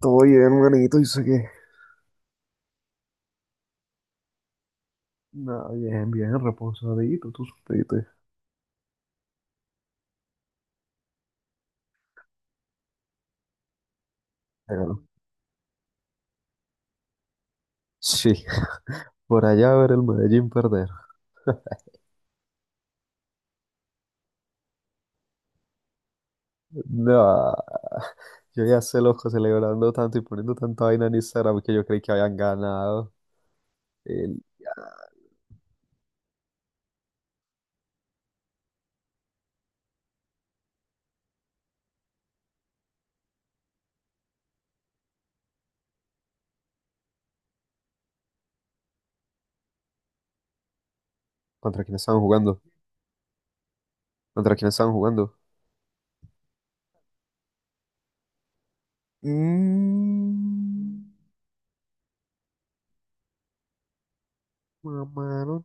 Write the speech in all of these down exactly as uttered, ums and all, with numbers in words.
Todo bien, hermanito, yo sé que. No, bien, bien, reposadito, tú supiste. Claro. Sí, por allá ver el Medellín perder. No, yo ya sé loco celebrando tanto y poniendo tanta vaina en Instagram que yo creí que habían ganado. El- ¿Contra quién estaban jugando? ¿Contra quién estaban jugando? Mm, mamaron.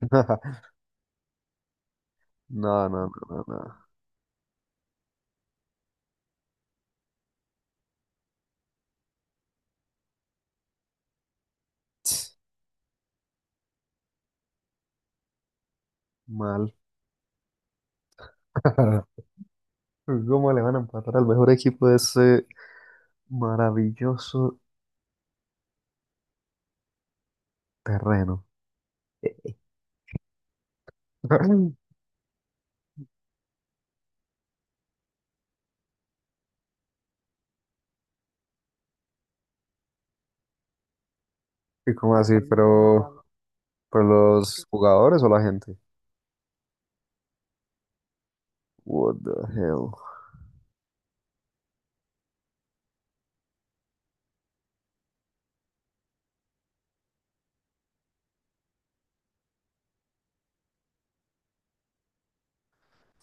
No, no, no, no, no. Ts, mal. ¿Cómo le van a empatar al mejor equipo de ese maravilloso terreno? ¿Y cómo así? ¿Pero, pero los jugadores o la gente? What the hell?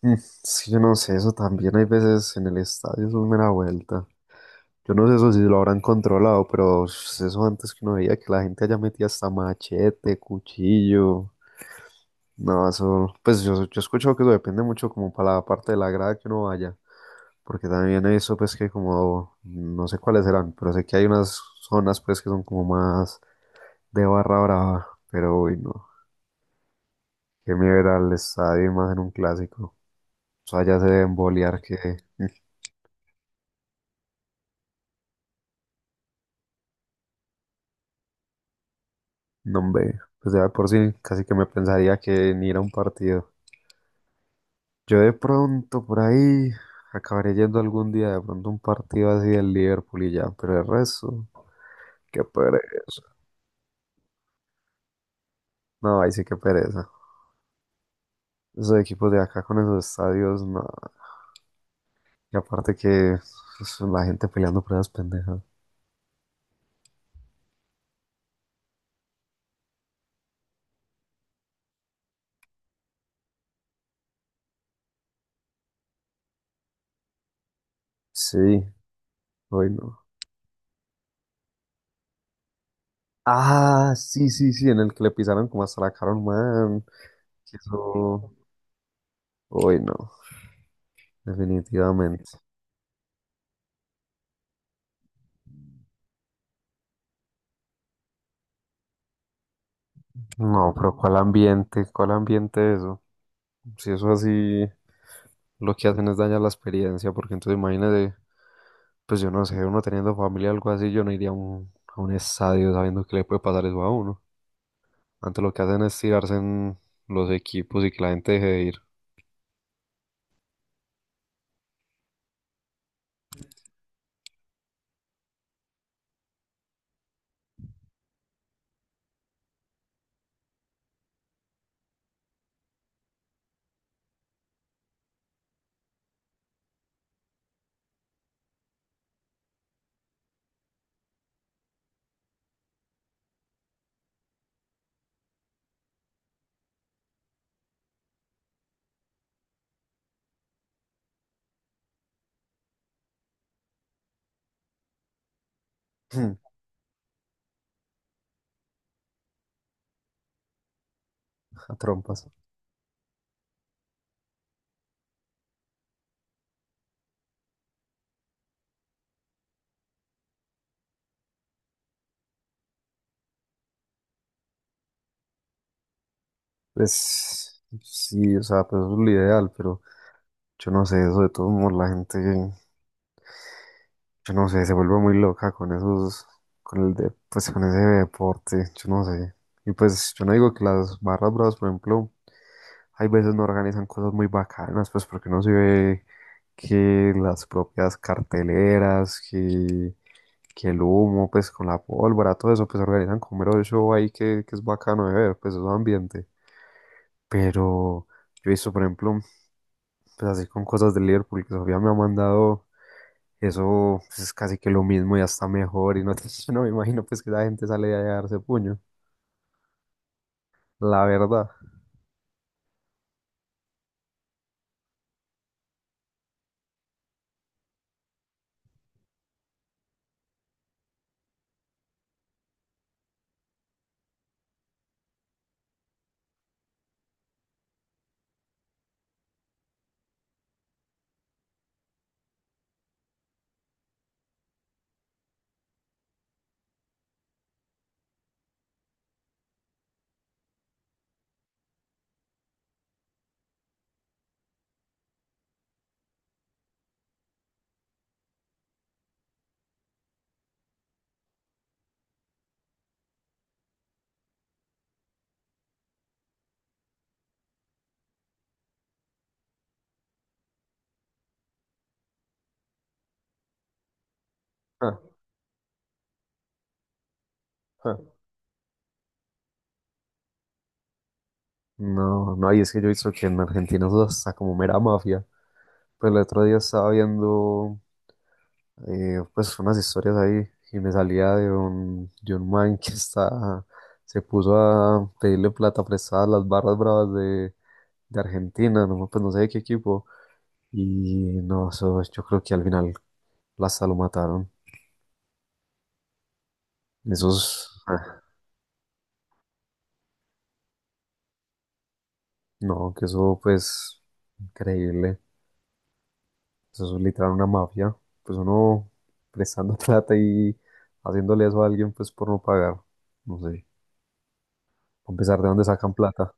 Mm, sí, yo no sé, eso también hay veces en el estadio, eso es mera vuelta. Yo no sé eso si lo habrán controlado, pero sh- eso antes que uno veía que la gente allá metía hasta machete, cuchillo. No, eso, pues yo, yo he escuchado que eso depende mucho como para la parte de la grada que uno vaya, porque también he visto pues que como, no sé cuáles serán, pero sé que hay unas zonas pues que son como más de barra brava, pero uy, no. Qué miedo ir al estadio y más en un clásico. O sea, ya se deben bolear que no hombre, pues ya de por sí, casi que me pensaría que ni ir a un partido. Yo de pronto por ahí acabaré yendo algún día de pronto a un partido así del Liverpool y ya, pero el resto, qué pereza. No, ahí sí que pereza. Esos equipos de acá con esos estadios, no. Y aparte que pues, la gente peleando por esas pendejas. Sí, hoy no. Ah, sí, sí, sí, en el que le pisaron como hasta la cara a un man. Eso, uy, no, definitivamente. No, pero ¿cuál ambiente? ¿Cuál ambiente eso? Si eso así, lo que hacen es dañar la experiencia, porque entonces imagínate, pues yo no sé, uno teniendo familia o algo así, yo no iría a un, a un estadio sabiendo que le puede pasar eso a uno. Antes lo que hacen es tirarse en los equipos y que la gente deje de ir. A trompas. Pues sí, o sea, pues eso es lo ideal, pero yo no sé, eso de todos modos la gente. Yo no sé, se vuelve muy loca con esos, con el de, pues con ese deporte, yo no sé. Y pues yo no digo que las barras bravas, por ejemplo, hay veces no organizan cosas muy bacanas, pues porque no se ve que las propias carteleras, que, que el humo, pues con la pólvora, todo eso, pues organizan como mero show ahí que, que es bacano de ver, pues es un ambiente. Pero yo he visto, por ejemplo, pues así con cosas de Liverpool, que Sofía me ha mandado. Eso pues, es casi que lo mismo y hasta mejor. Y no, te- yo no me imagino pues que la gente sale de ahí a darse puño. La verdad. Ja, ja. No, no, y es que yo he visto que en Argentina eso está como mera mafia. Pues el otro día estaba viendo eh, pues unas historias ahí y me salía de un, de un man que está, se puso a pedirle plata prestada a las barras bravas de, de Argentina, no, pues no sé de qué equipo. Y no, eso yo creo que al final hasta lo mataron. Esos, no, que eso pues increíble. Eso es literal una mafia. Pues uno prestando plata y haciéndole eso a alguien pues por no pagar. No sé. A pesar de dónde sacan plata.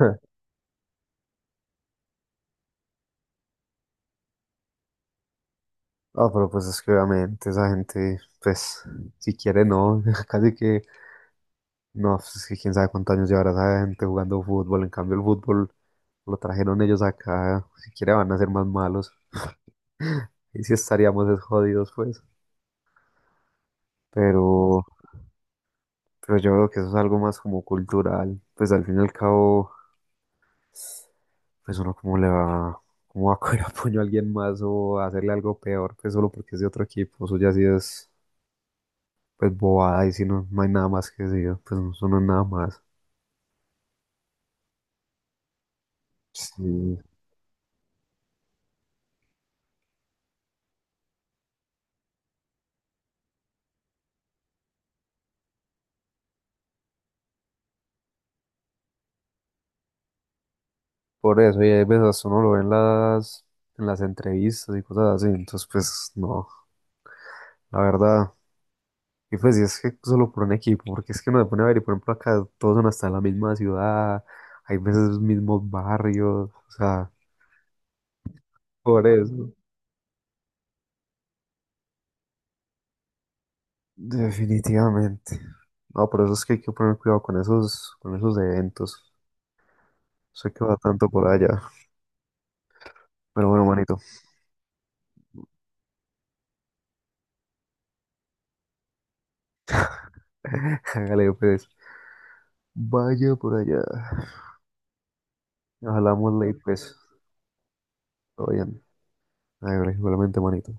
Ah, pero pues es que obviamente esa gente, pues, si quiere no, casi que, no, pues, es que quién sabe cuántos años llevará esa gente jugando fútbol, en cambio el fútbol lo trajeron ellos acá, si quiere van a ser más malos, y si estaríamos es jodidos, pues, pero, Pero yo veo que eso es algo más como cultural. Pues al fin y al cabo, pues uno como le va, cómo va a coger a puño a alguien más o a hacerle algo peor, pues solo porque es de otro equipo. Eso ya sí es, pues bobada y si no, no hay nada más que decir, pues no, eso no es nada más. Sí. Por eso, y hay veces hasta uno lo ve en las, en las entrevistas y cosas así. Entonces, pues no, la verdad. Y pues y es que solo por un equipo, porque es que uno se pone a ver y por ejemplo acá todos son hasta la misma ciudad, hay veces los mismos barrios, o sea, por eso. Definitivamente. No, por eso es que hay que poner cuidado con esos, con esos eventos. Sé que va tanto por allá, pero bueno, manito, hágale pues, vaya por allá. Hablamos late pues, todo bien. Hágale, igualmente, manito.